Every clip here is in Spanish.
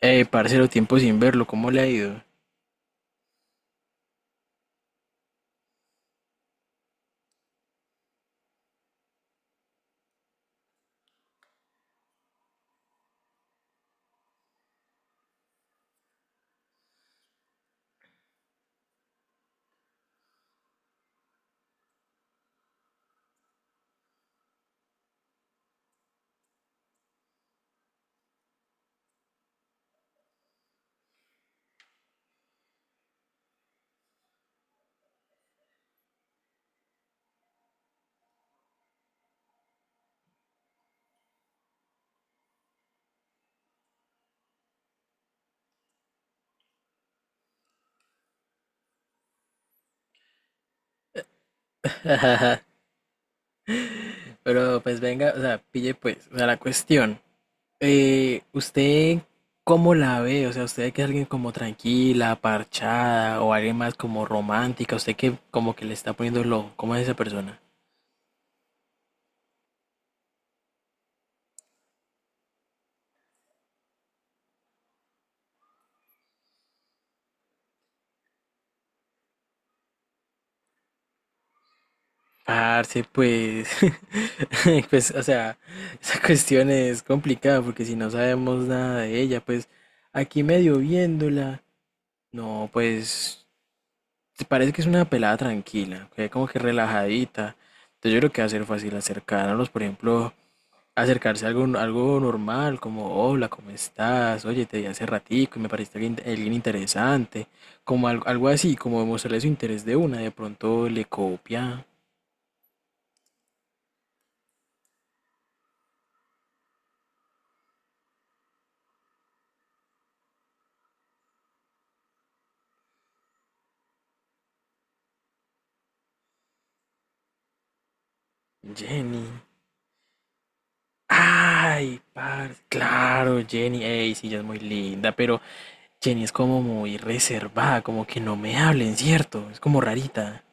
Parcero, tiempo sin verlo, ¿cómo le ha ido? Pero pues venga, o sea, pille pues, o sea, la cuestión. ¿Usted cómo la ve? O sea, ¿usted que es alguien como tranquila, parchada, o alguien más como romántica? ¿Usted que como que le está poniendo lo, ¿cómo es esa persona? Parce, pues, pues, o sea, esa cuestión es complicada porque si no sabemos nada de ella, pues, aquí medio viéndola, no, pues, parece que es una pelada tranquila, que como que relajadita. Entonces yo creo que va a ser fácil acercarnos, por ejemplo, acercarse a algo, normal, como hola, ¿cómo estás? Oye, te vi hace ratico y me pareciste alguien, interesante. Como algo, así, como demostrarle su interés de una. De pronto le copia Jenny. Ay, parce, claro, Jenny, ey, sí, ella es muy linda, pero Jenny es como muy reservada, como que no me hablen, ¿cierto? Es como rarita.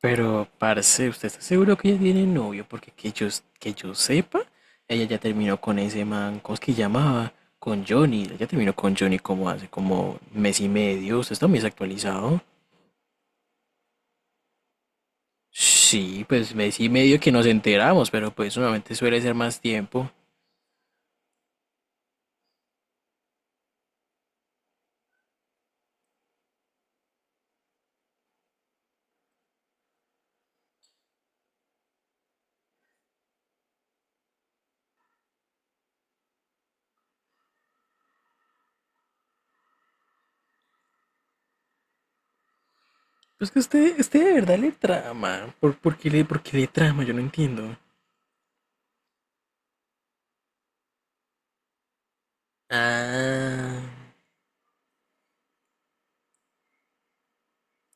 Pero, parce, ¿usted está seguro que ella tiene novio? Porque que yo sepa, ella ya terminó con ese man, ¿cómo es que llamaba? Con Johnny. Ella terminó con Johnny como hace como mes y medio. ¿Usted está muy desactualizado? Sí, pues mes y medio que nos enteramos, pero pues normalmente suele ser más tiempo. Pues que usted, de verdad le trama. ¿Por qué le, por qué le trama? Yo no entiendo. Ah,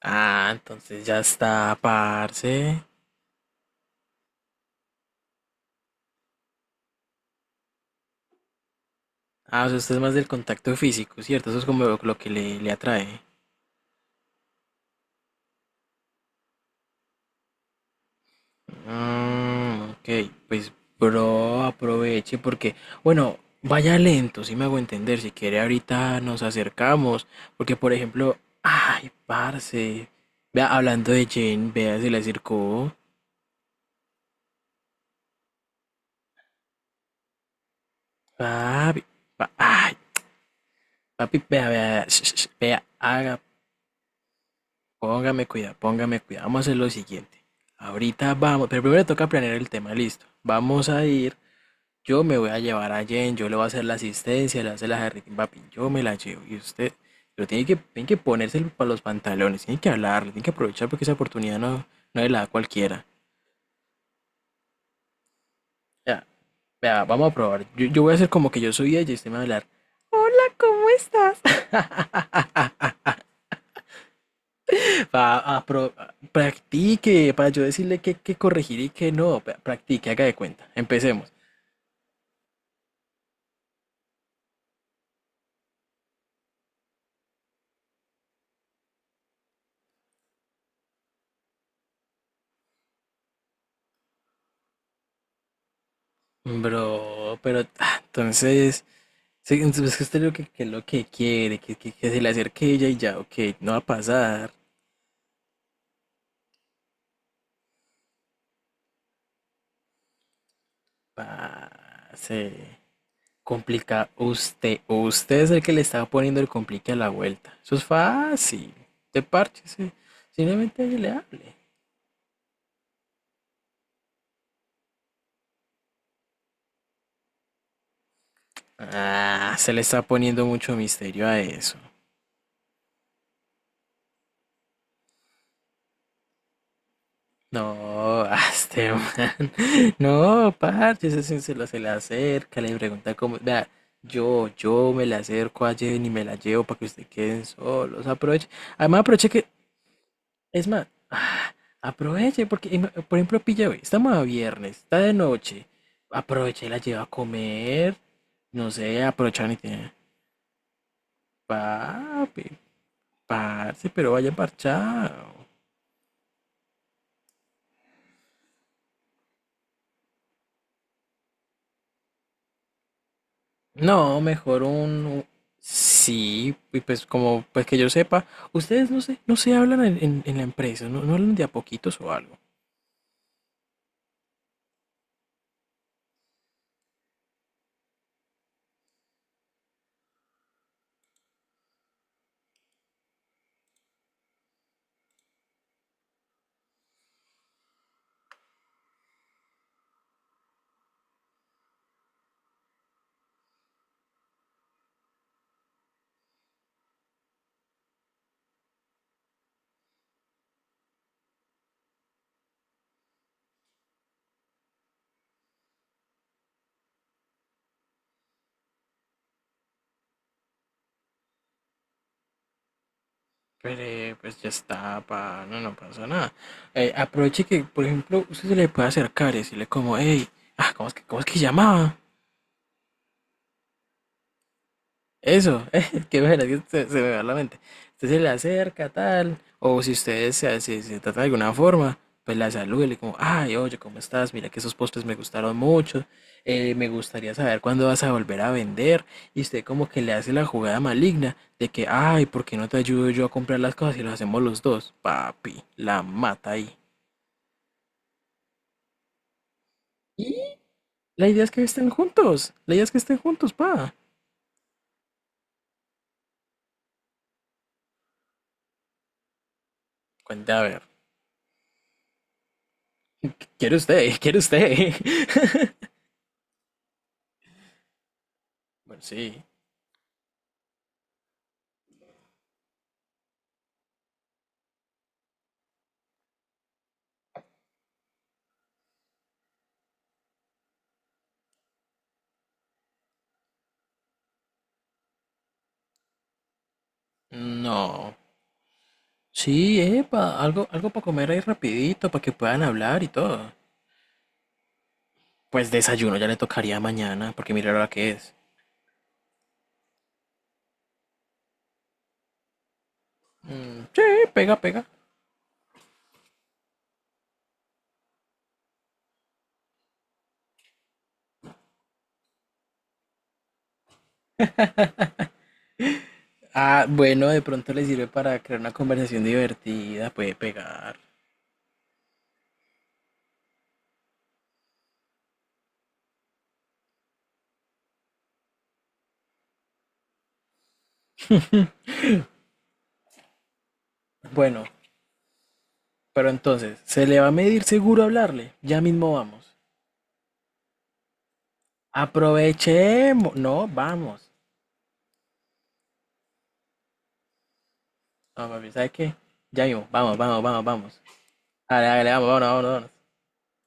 entonces ya está, parce. Ah, o sea, usted es más del contacto físico, ¿cierto? Eso es como lo, que le, atrae. Mm, ok, pues bro, aproveche porque, bueno, vaya lento, si me hago entender, si quiere ahorita nos acercamos, porque por ejemplo, ay, parce, vea, hablando de Jane, vea, se le acercó, papi, pa- ay, papi, vea, sh- vea, haga, póngame cuidado, vamos a hacer lo siguiente. Ahorita vamos, pero primero toca planear el tema, listo. Vamos a ir Yo me voy a llevar a Jen, yo le voy a hacer la asistencia, le voy a hacer la jarritín, papi, yo me la llevo. Y usted, pero tiene que ponerse para los pantalones, tiene que hablarle, tiene que aprovechar porque esa oportunidad no, no es la da cualquiera. Vea, vamos a probar. Yo, voy a hacer como que yo soy ella y usted me va a hablar. Pa- a pro- practique, para yo decirle que, corregir y que no. Practique, haga de cuenta. Empecemos. Bro, pero ah, entonces. Sí, entonces es que usted lo que, es lo que quiere, que, que se le acerque ella y ya, ok, no va a pasar. Se complica usted. O Usted es el que le está poniendo el complique a la vuelta. Eso es fácil. Te parche, sí. Simplemente le hable. Ah, se le está poniendo mucho misterio a eso. No, este man. No, parche, ese sí se le acerca, le pregunta cómo. Vea, yo, me le acerco a Jen y me la llevo para que ustedes queden solos. Aproveche. Además, aproveche que. Es más, aproveche, porque, por ejemplo, pilla, hoy, estamos a viernes, está de noche. Aproveche y la lleva a comer. No sé, aprovechan y tiene. Papi, parce, pero vaya parchado. No, mejor un... Sí, y pues como pues que yo sepa, ustedes no se, no se hablan en, en la empresa, no, no hablan de a poquitos o algo. Pero pues ya está, pa, no, no pasa nada. Aproveche que, por ejemplo, usted se le puede acercar y decirle como, hey, cómo es que llamaba? Eso, qué bueno, que se, me va la mente. Usted se le acerca, tal, o si ustedes se, se trata de alguna forma, pues la saluda y le como, ay, oye, ¿cómo estás? Mira que esos postres me gustaron mucho, me gustaría saber cuándo vas a volver a vender. Y usted como que le hace la jugada maligna de que, ay, ¿por qué no te ayudo yo a comprar las cosas y lo hacemos los dos? Papi, la mata ahí. Y la idea es que estén juntos, la idea es que estén juntos, pa. Cuenta, a ver, ¿quiere usted? ¿Quiere usted? Bueno, sí. No. Sí, epa, algo, para comer ahí rapidito, para que puedan hablar y todo. Pues desayuno ya le tocaría mañana, porque mira la hora que es. Mm, sí, pega, pega. Ah, bueno, de pronto le sirve para crear una conversación divertida, puede pegar. Bueno, pero entonces, ¿se le va a medir seguro hablarle? Ya mismo vamos. Aprovechemos. No, vamos. No, papi, ¿sabe qué? Ya mismo, vamos, vamos, vamos, vamos. Dale, vamos, vamos, vamos,